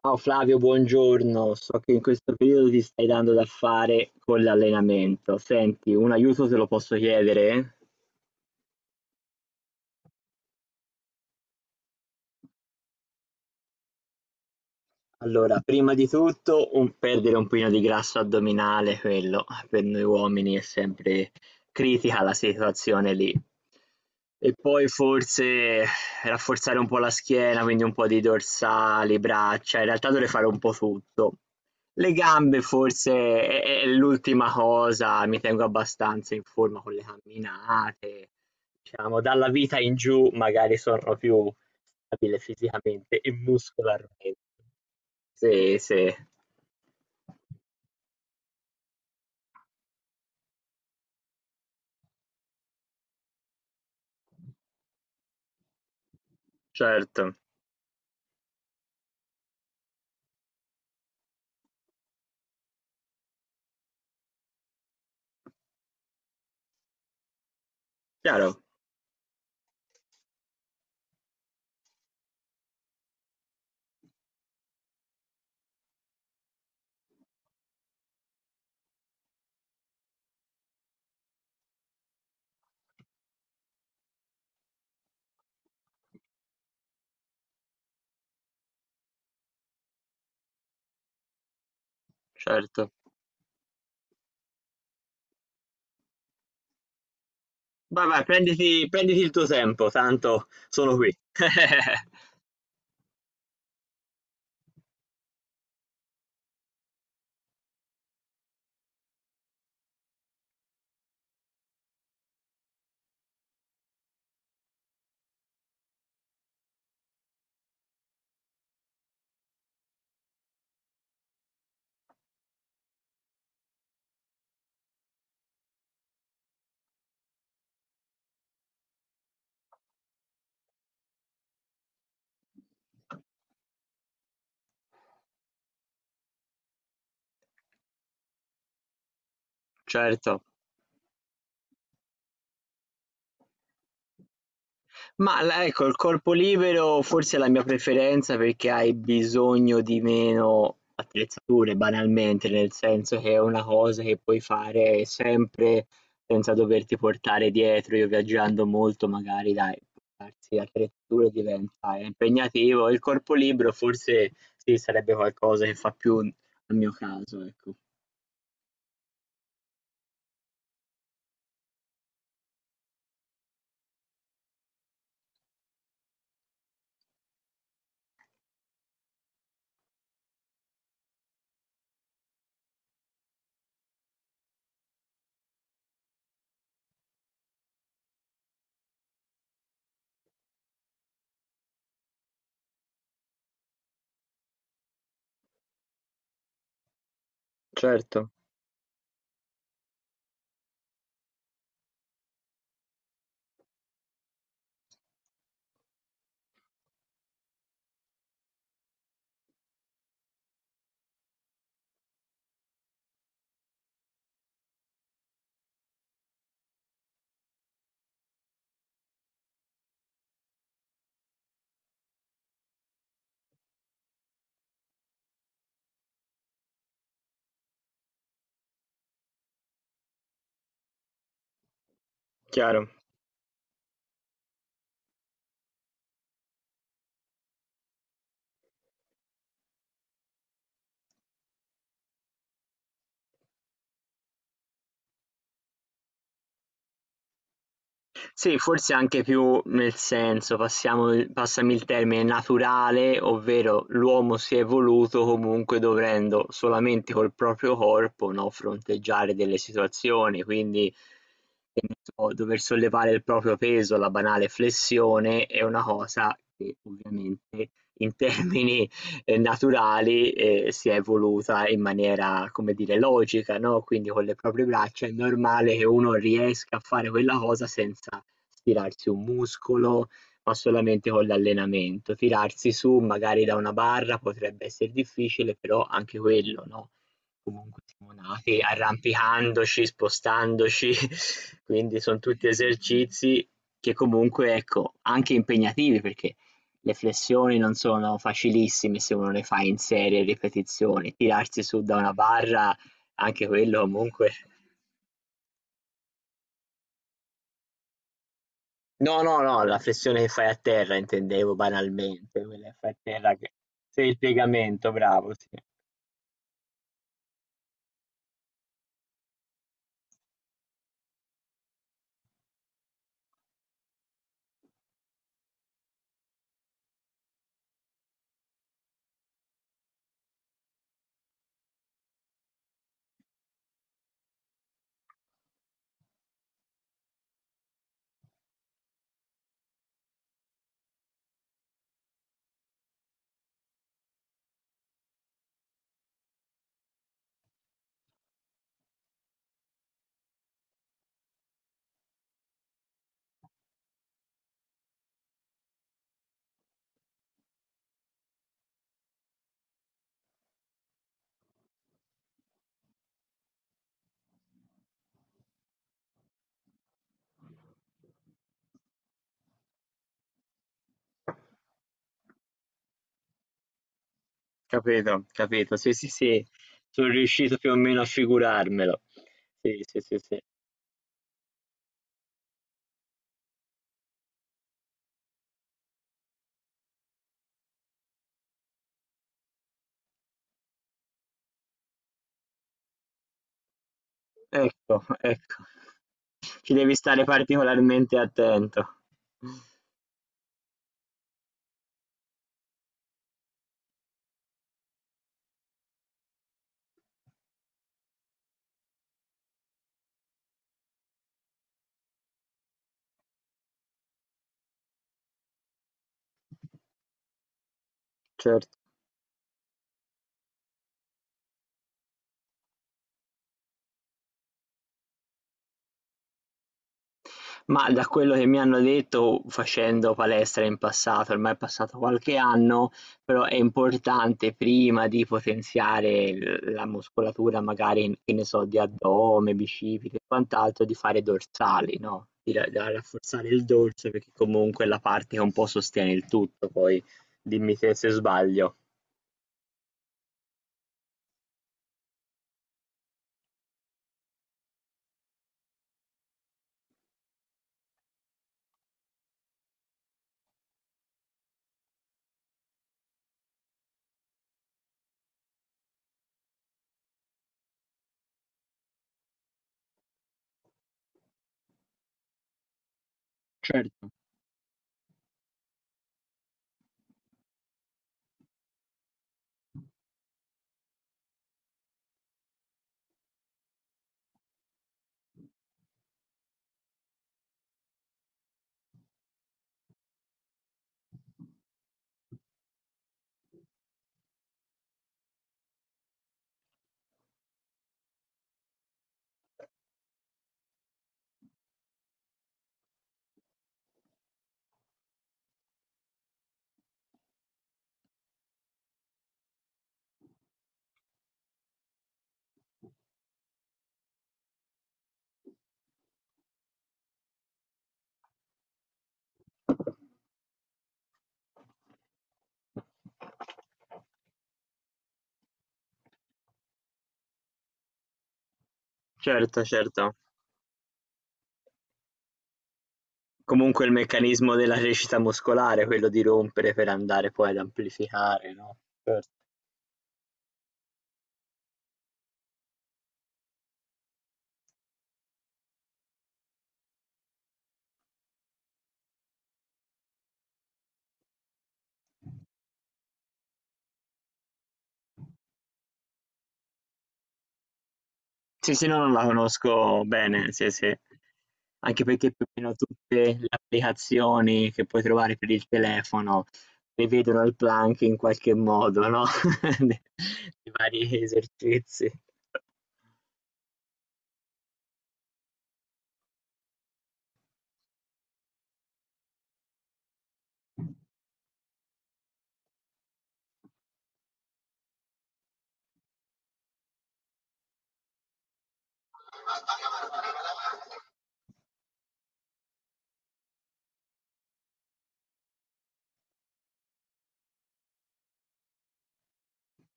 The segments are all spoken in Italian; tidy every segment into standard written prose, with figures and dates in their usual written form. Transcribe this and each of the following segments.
Ciao Flavio, buongiorno. So che in questo periodo ti stai dando da fare con l'allenamento. Senti, un aiuto te lo posso chiedere? Allora, prima di tutto un perdere un pochino di grasso addominale, quello per noi uomini è sempre critica la situazione lì. E poi forse rafforzare un po' la schiena, quindi un po' di dorsali, braccia, in realtà dovrei fare un po' tutto. Le gambe forse è l'ultima cosa, mi tengo abbastanza in forma con le camminate, diciamo, dalla vita in giù magari sono più abile fisicamente e muscolarmente. Sì, sì, certo, chiaro, certo. Vai, vai, prenditi il tuo tempo, tanto sono qui. Certo. Ma la ecco, il corpo libero forse è la mia preferenza perché hai bisogno di meno attrezzature banalmente, nel senso che è una cosa che puoi fare sempre senza doverti portare dietro. Io viaggiando molto magari dai, portarsi attrezzature diventa impegnativo. Il corpo libero forse sì, sarebbe qualcosa che fa più al mio caso, ecco. Certo, chiaro. Sì, forse anche più nel senso, passiamo il passami il termine, naturale, ovvero l'uomo si è evoluto comunque dovendo solamente col proprio corpo, no, fronteggiare delle situazioni, quindi che ne so, dover sollevare il proprio peso, la banale flessione, è una cosa che ovviamente in termini naturali, si è evoluta in maniera, come dire, logica, no, quindi con le proprie braccia è normale che uno riesca a fare quella cosa senza stirarsi un muscolo, ma solamente con l'allenamento. Tirarsi su magari da una barra potrebbe esser difficile, però anche quello, no, comunque siamo nati arrampicandoci, spostandoci, quindi son tutti esercizi che comunque, ecco, anche impegnativi perché le flessioni non sono facilissime se uno le fa in serie ripetizioni, tirarsi su da una barra anche quello comunque. No, no, no, la flessione che fai a terra intendevo banalmente, quella che fai a terra che sei il piegamento, bravo, sì. Capito, capito. Sì, sì, sì. Sono riuscito più o meno a figurarmelo. Sì, sì, sì, sì. Ecco, ecco. Ci devi stare particolarmente attento. Certo. Ma da quello che mi hanno detto facendo palestra in passato, ormai è passato qualche anno, però è importante prima di potenziare la muscolatura magari, che ne so, di addome, bicipiti e quant'altro, di fare dorsali, no? Di da rafforzare il dorso perché comunque è la parte che un po' sostiene il tutto, poi dimmi te se sbaglio. Certo. Certo, certo. Comunque il meccanismo della crescita muscolare, quello di rompere per andare poi ad amplificare, no? Certo. Sì, sì, no, no, la conosco bene, sì, sì. Anche perché più o meno tutte le applicazioni che puoi trovare per il telefono prevedono il plank in qualche modo, no? Di di vari esercizi.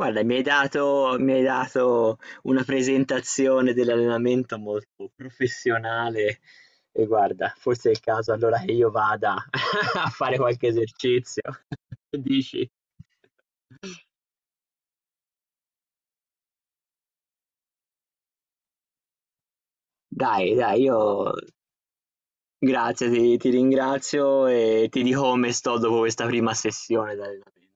Guarda, mi hai dato una presentazione dell'allenamento molto professionale e guarda, forse è il caso allora che io vada a fare qualche esercizio. Che dici? Dai, dai, io grazie, ti ringrazio e ti dico come sto dopo questa prima sessione di allenamento.